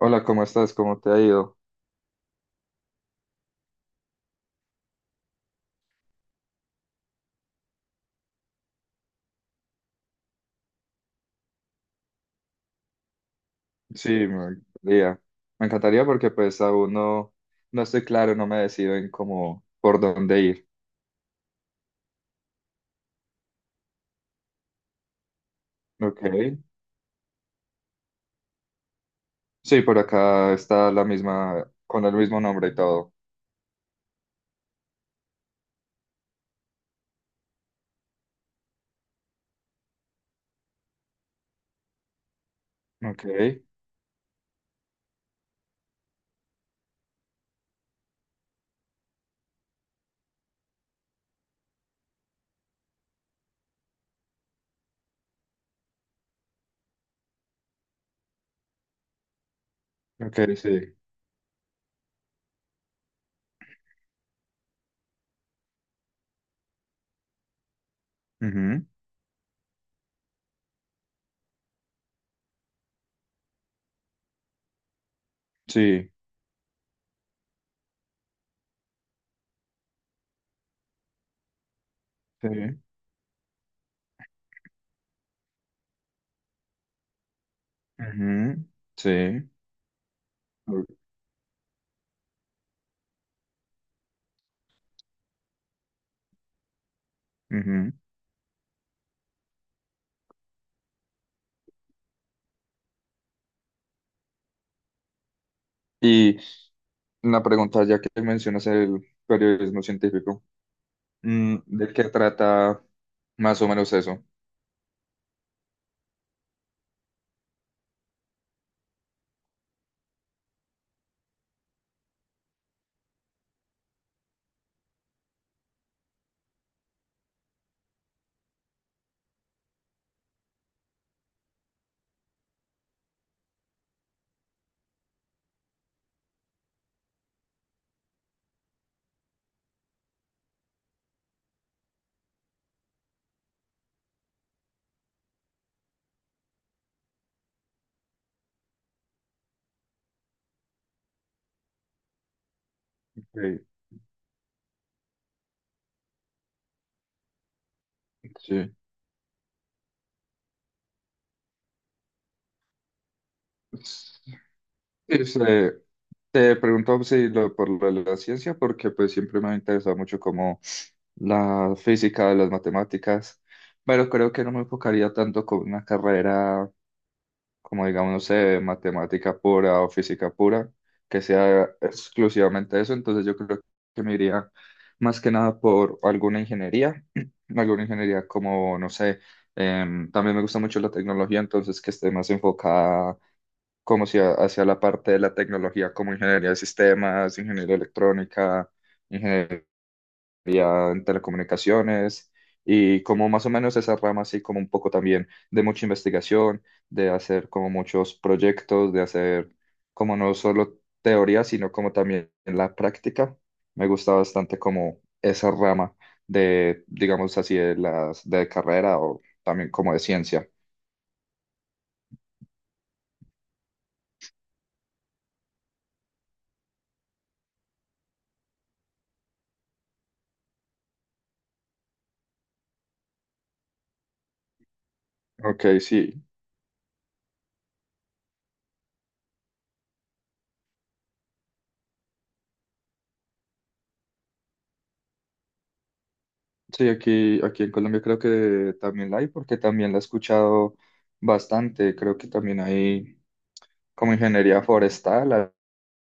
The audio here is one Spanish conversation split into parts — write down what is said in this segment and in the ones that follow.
Hola, ¿cómo estás? ¿Cómo te ha ido? Sí, me encantaría. Me encantaría porque pues aún no, no estoy claro, no me decido en cómo, por dónde ir. Ok. Sí, por acá está la misma, con el mismo nombre y todo. Ok, ok, sí. Ujú. Sí, sí. Ujú. Sí. Ujú. Y una pregunta, ya que mencionas el periodismo científico, ¿de qué trata más o menos eso? Ok. Sí. Y se, Te pregunto si lo, por lo de la ciencia, porque pues siempre me ha interesado mucho como la física, las matemáticas, pero creo que no me enfocaría tanto con una carrera como digamos, no sé, matemática pura o física pura, que sea exclusivamente eso, entonces yo creo que me iría más que nada por alguna ingeniería, alguna ingeniería como, no sé, también me gusta mucho la tecnología, entonces que esté más enfocada como si a- hacia la parte de la tecnología, como ingeniería de sistemas, ingeniería electrónica, ingeniería en telecomunicaciones, y como más o menos esa rama así como un poco también de mucha investigación, de hacer como muchos proyectos, de hacer como no solo teoría, sino como también la práctica. Me gusta bastante como esa rama de, digamos así, de las de carrera o también como de ciencia. Ok, sí. Sí, aquí en Colombia creo que también la hay, porque también la he escuchado bastante. Creo que también hay como ingeniería forestal,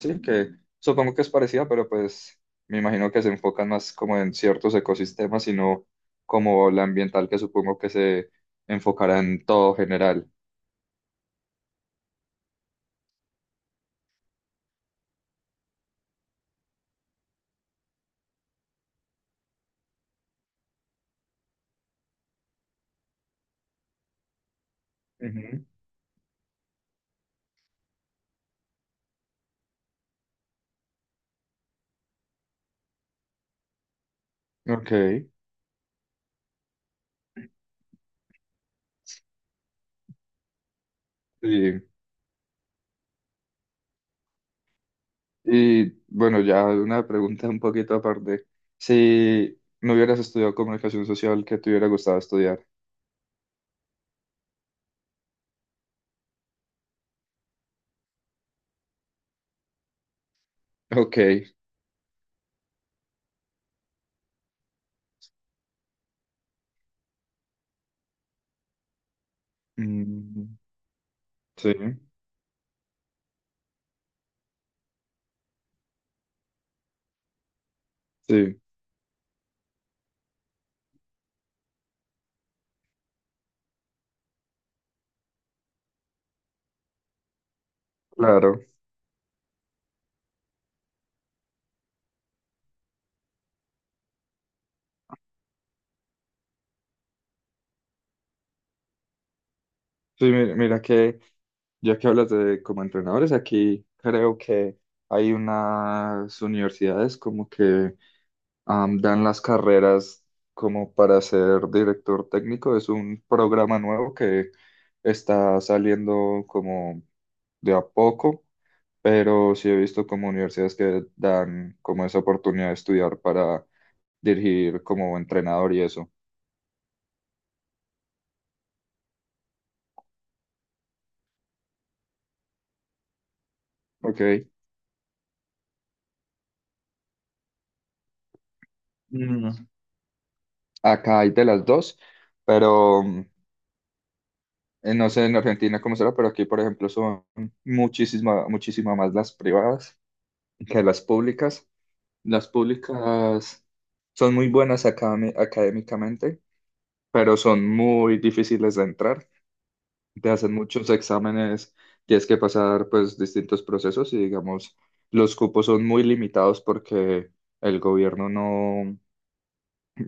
así que supongo que es parecida, pero pues me imagino que se enfocan más como en ciertos ecosistemas, sino como la ambiental, que supongo que se enfocará en todo general. Ujú. Ok, sí. Y bueno, ya una pregunta un poquito aparte. Si no hubieras estudiado comunicación social, ¿qué te hubiera gustado estudiar? Ok. Mm, sí, sí, claro. Sí, mira, que ya que hablas de como entrenadores, aquí creo que hay unas universidades como que dan las carreras como para ser director técnico. Es un programa nuevo que está saliendo como de a poco, pero sí he visto como universidades que dan como esa oportunidad de estudiar para dirigir como entrenador y eso. Ok. Mm. Acá hay de las dos, pero no sé en Argentina cómo será, pero aquí, por ejemplo, son muchísima más las privadas que las públicas. Las públicas son muy buenas académicamente, pero son muy difíciles de entrar. Te hacen muchos exámenes, tienes que pasar pues distintos procesos y digamos, los cupos son muy limitados porque el gobierno no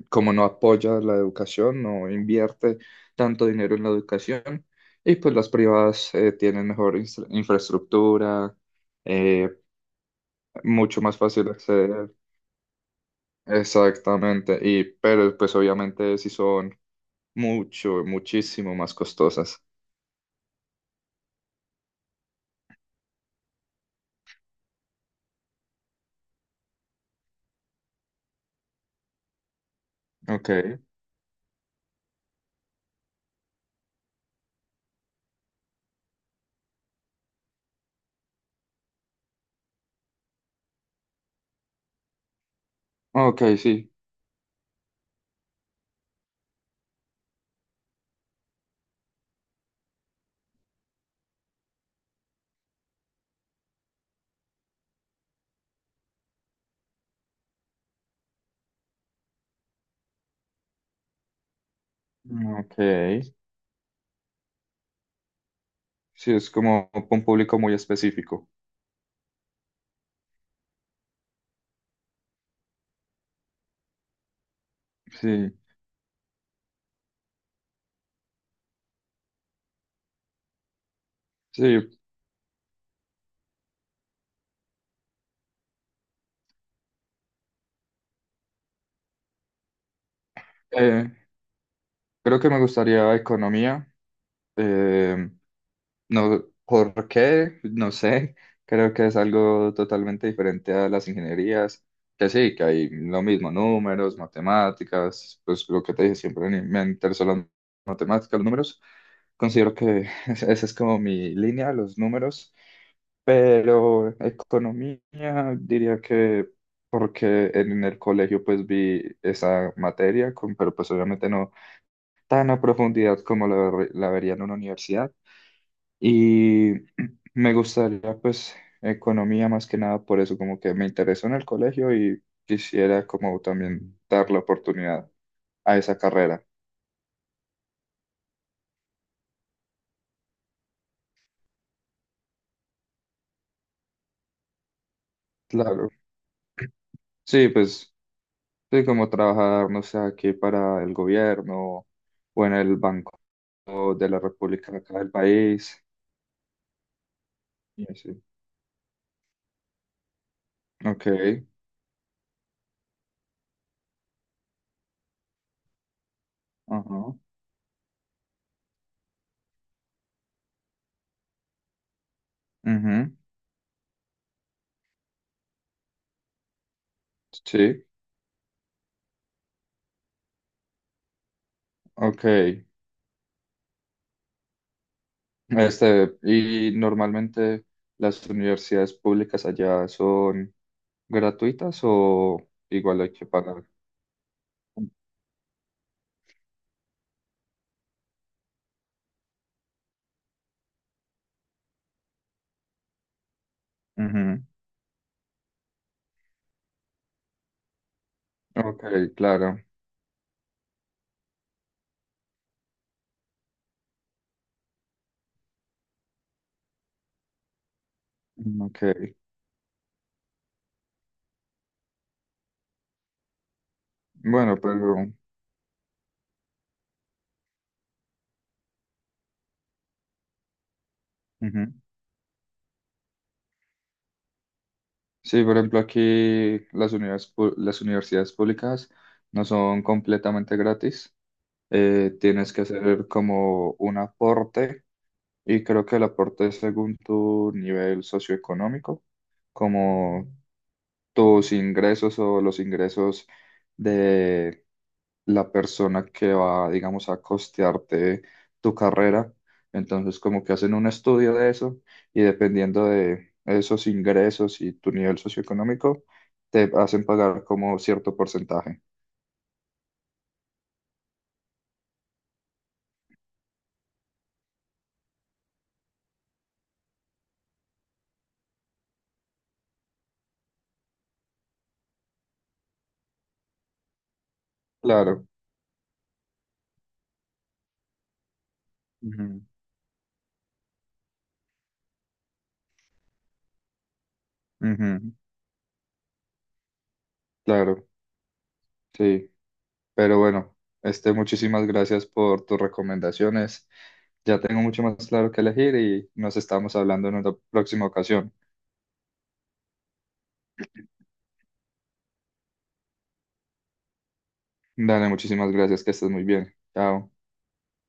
como no apoya la educación, no invierte tanto dinero en la educación, y pues las privadas tienen mejor infraestructura, eh, mucho más fácil acceder, exactamente, y pero pues obviamente sí son muchísimo más costosas. Ok, ok, sí, ok, sí, es como un público muy específico, sí, sí. eh, Creo que me gustaría economía. eh, No, ¿por qué? No sé. Creo que es algo totalmente diferente a las ingenierías, que sí, que hay lo mismo, números, matemáticas, pues lo que te dije siempre, me interesan las matemáticas, los números. Considero que esa es como mi línea, los números, pero economía diría que porque en el colegio pues vi esa materia, pero pues obviamente no tan a profundidad como la vería en una universidad. Y me gustaría pues economía más que nada por eso, como que me interesó en el colegio y quisiera como también dar la oportunidad a esa carrera. Claro. Sí, pues sí, como trabajar, no sé, aquí para el gobierno o en el Banco de la República acá del país. Y así. Ok. Ajá. Ujú. Sí, ok. Este, y normalmente las universidades públicas allá son gratuitas o igual hay que pagar. Ujú. Ok, claro. Ok. Bueno, pero ujú. Sí, por ejemplo, aquí las las universidades públicas no son completamente gratis. Tienes que hacer como un aporte y creo que el aporte es según tu nivel socioeconómico, como tus ingresos o los ingresos de la persona que va, digamos, a costearte tu carrera. Entonces, como que hacen un estudio de eso y dependiendo de esos ingresos y tu nivel socioeconómico, te hacen pagar como cierto porcentaje. Claro. Ujú, ujú. Claro, sí. Pero bueno, este, muchísimas gracias por tus recomendaciones. Ya tengo mucho más claro que elegir y nos estamos hablando en una próxima ocasión. Dale, muchísimas gracias, que estés muy bien. Chao.